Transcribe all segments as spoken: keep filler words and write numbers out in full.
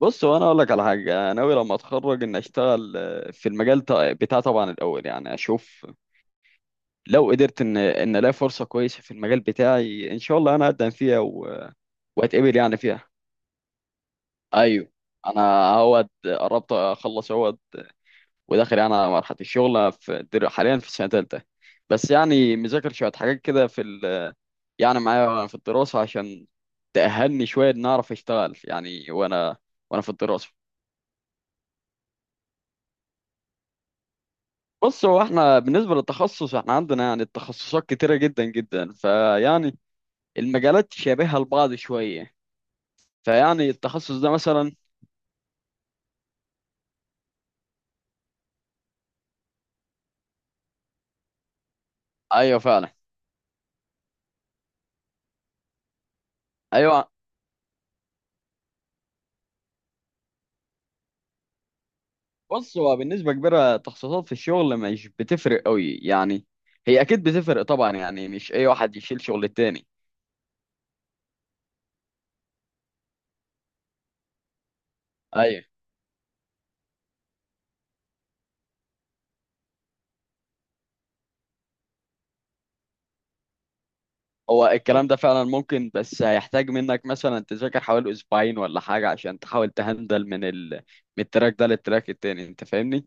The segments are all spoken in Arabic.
بص، وانا اقول لك على حاجه. انا ناوي لما اتخرج ان اشتغل آه، في المجال تا- بتاعي طبعا. الاول يعني اشوف. لو قدرت ان ان الاقي فرصه كويسه في المجال بتاعي ان شاء الله انا اقدم فيها و- واتقبل يعني فيها. ايوه. انا اهوت قربت اخلص اهوت. وداخل يعني على مرحله الشغل في در- حاليا في سنه ثالثه. بس يعني مذاكر شويه حاجات كده في ال... يعني معايا في الدراسه عشان تأهلني شويه ان اعرف اشتغل يعني. وانا وانا في الدراسه. بص، هو احنا بالنسبة للتخصص، احنا عندنا يعني التخصصات كتيرة جدا جدا، فيعني المجالات شبيهة لبعض شوية، فيعني التخصص ده مثلا. ايوه فعلا. ايوه. بص، هو بالنسبة كبيرة تخصصات في الشغل مش بتفرق قوي يعني، هي اكيد بتفرق طبعا يعني، مش اي واحد يشيل شغل التاني. ايوه. هو الكلام ده فعلا ممكن، بس هيحتاج منك مثلا تذاكر حوالي اسبوعين ولا حاجة عشان تحاول تهندل من ال... من التراك ده للتراك التاني، انت فاهمني؟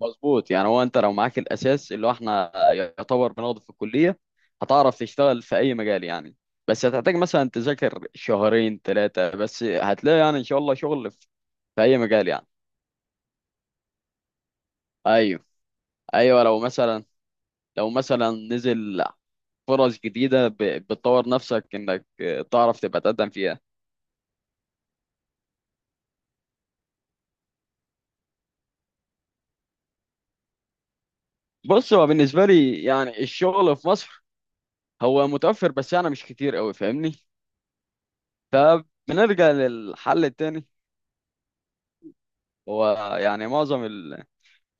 مظبوط. يعني هو انت لو معاك الاساس اللي هو احنا يعتبر بناخده في الكليه هتعرف تشتغل في اي مجال يعني. بس هتحتاج مثلا تذاكر شهرين ثلاثه، بس هتلاقي يعني ان شاء الله شغل في في اي مجال يعني. ايوه، ايوه. لو مثلا لو مثلا نزل فرص جديده ب- بتطور نفسك انك تعرف تبقى تقدم فيها. بص، هو بالنسبه لي يعني الشغل في مصر هو متوفر، بس يعني مش كتير قوي فاهمني. فبنرجع للحل التاني. هو يعني معظم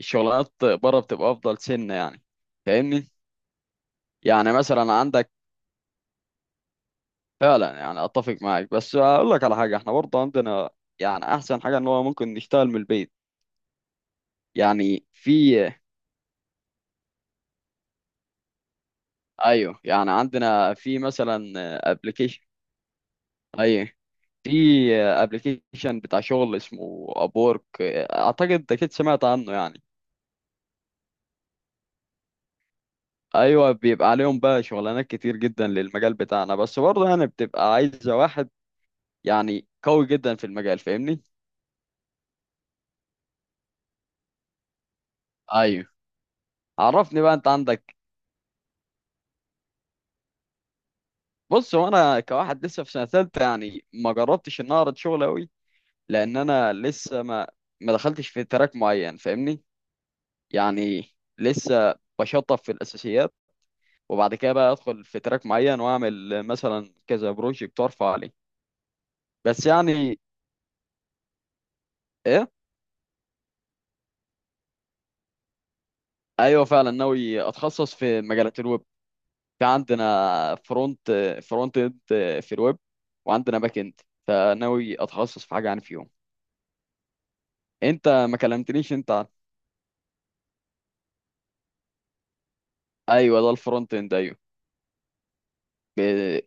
الشغلانات بره بتبقى افضل سنه يعني، فاهمني. يعني مثلا عندك. فعلا يعني اتفق معاك، بس اقول لك على حاجه: احنا برضه عندنا يعني احسن حاجه ان هو ممكن نشتغل من البيت. يعني في، ايوه، يعني عندنا في مثلا ابلكيشن. ايوه، في ابلكيشن بتاع شغل اسمه ابورك، اعتقد اكيد سمعت عنه يعني. ايوه، بيبقى عليهم بقى شغلانات كتير جدا للمجال بتاعنا، بس برضه يعني بتبقى عايزه واحد يعني قوي جدا في المجال فاهمني. ايوه. عرفني بقى انت عندك. بص، هو انا كواحد لسه في سنه ثالثه يعني ما جربتش ان أنا اعرض شغل قوي، لان انا لسه ما ما دخلتش في تراك معين فاهمني. يعني لسه بشطب في الاساسيات، وبعد كده بقى ادخل في تراك معين واعمل مثلا كذا بروجكت وارفع عليه. بس يعني ايه. ايوه فعلا، ناوي اتخصص في مجالات الويب. في عندنا فرونت فرونت اند في الويب، وعندنا باك اند. فناوي اتخصص في حاجه يعني فيهم. انت ما كلمتنيش انت. ايوه، ده الفرونت اند. ايوه. ب-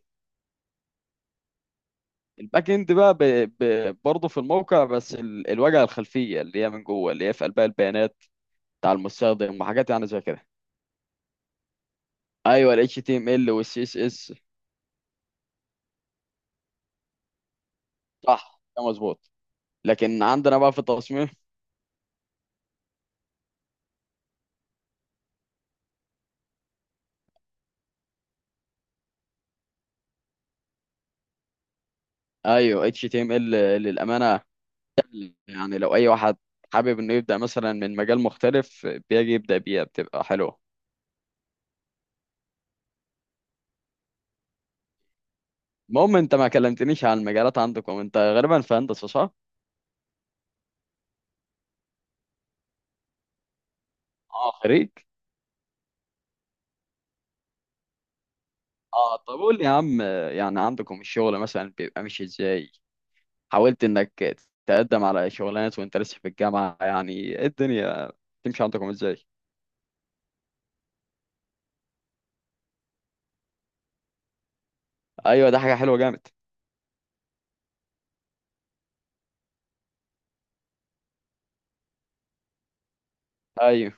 الباك اند بقى ب... ب... برضه في الموقع، بس ال... الواجهه الخلفيه اللي هي من جوه، اللي هي في قلبها البيانات بتاع المستخدم وحاجات يعني زي كده. ايوه، ال H T M L وال C S S. صح، ده مظبوط. لكن عندنا بقى في التصميم. ايوه إتش تي إم إل. للامانه يعني لو اي واحد حابب انه يبدا مثلا من مجال مختلف، بيجي يبدا بيها بتبقى حلوه. المهم، انت ما كلمتنيش عن المجالات عندكم. انت غالبا في هندسه صح؟ اه، خريج. اه، طب قول لي يا عم، يعني عندكم الشغل مثلا بيبقى ماشي ازاي؟ حاولت انك تقدم على شغلانات وانت لسه في الجامعة؟ يعني إيه الدنيا تمشي عندكم ازاي؟ ايوه، ده حاجة حلوة جامد. ايوه،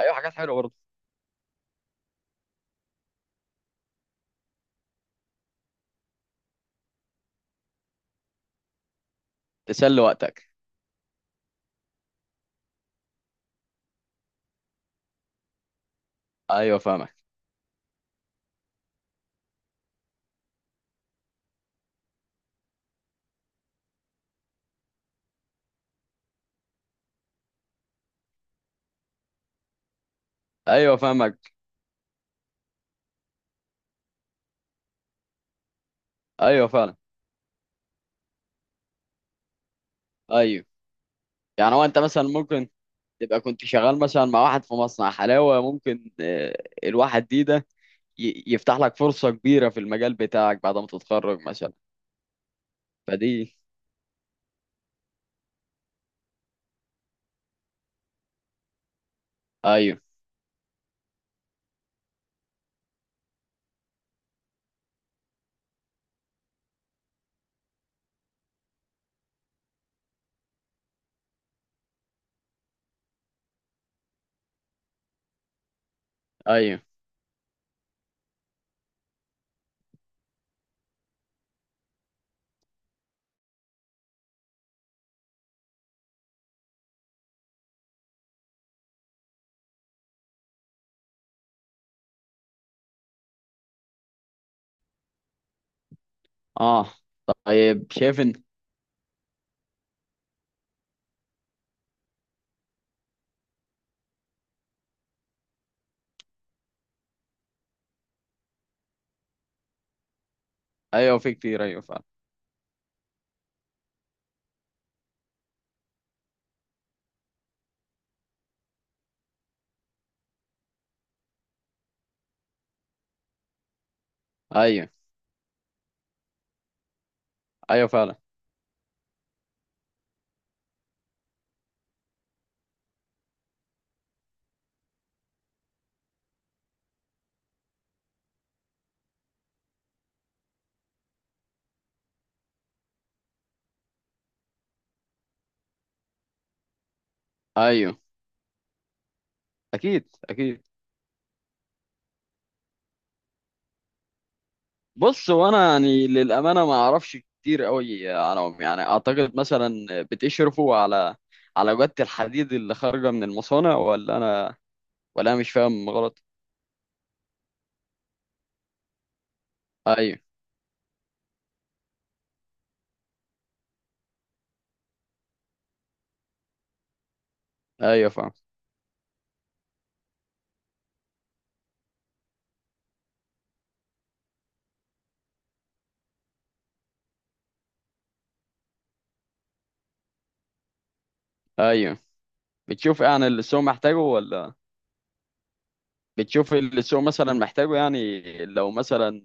ايوه. حاجات حلوة برضه. تسلي وقتك. ايوه فاهمك. ايوه فاهمك. ايوه فعلا. ايوه، يعني هو انت مثلا ممكن تبقى كنت شغال مثلا مع واحد في مصنع حلاوة، ممكن آه، الواحد دي ده ي- يفتح لك فرصة كبيرة في المجال بتاعك بعد ما تتخرج مثلا. فدي. ايوه، ايوه. اه. طيب، شايف انت. ايوه في كتير، ايوه فعلا. ايوه، ايوه فعلا. ايوه اكيد، اكيد. بص، وانا يعني للامانه ما اعرفش كتير قوي عنهم، يعني اعتقد مثلا بتشرفوا على على جوده الحديد اللي خارجه من المصانع، ولا انا ولا انا مش فاهم غلط. ايوه، ايوه فاهم. ايوه. بتشوف يعني اللي السوق محتاجه؟ ولا بتشوف اللي السوق مثلا محتاجه يعني؟ لو مثلا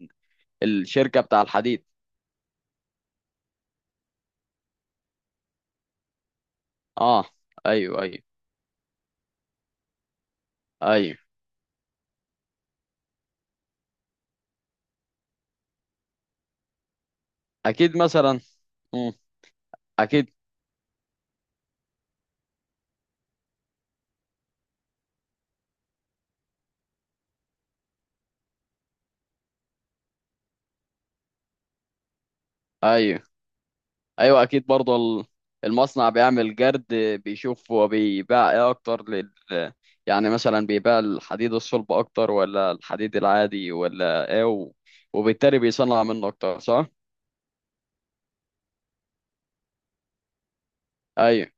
الشركه بتاع الحديد. اه. ايوه، ايوه. ايوه اكيد مثلا. مم. اكيد. ايوه، ايوه اكيد برضه. ال- المصنع بيعمل جرد، بيشوف هو بيباع ايه اكتر لل يعني مثلا بيباع الحديد الصلب اكتر ولا الحديد العادي ولا ايه، و... وبالتالي بيصنع منه اكتر صح؟ ايوه،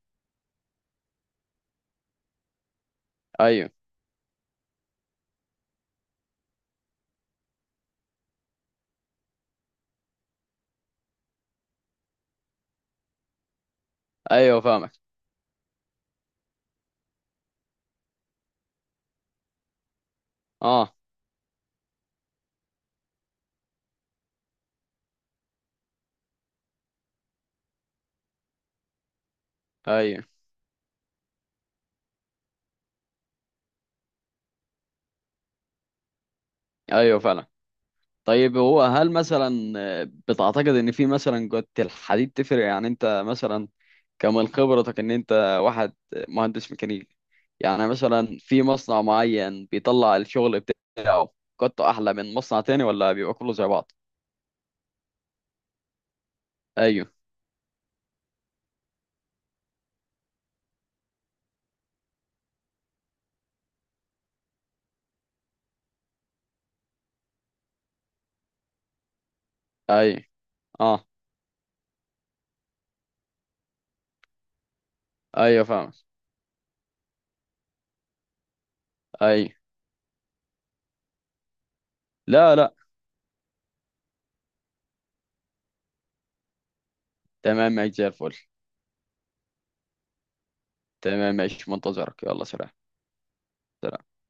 ايوه. ايوه فاهمك. اه. ايوه، ايوه فعلا. طيب، هو هل مثلا بتعتقد ان في مثلا جودة الحديد تفرق يعني؟ انت مثلا كمن خبرتك ان انت واحد مهندس ميكانيكي، يعني مثلا في مصنع معين بيطلع الشغل بتاعه جودته احلى من مصنع تاني، ولا بيبقى كله زي بعض؟ ايوه، ايوه. اه، ايوه فاهم. ايوه. لا لا. تمام، ماشي زي الفل. تمام، ماشي منتظرك، يلا سلام. سلام.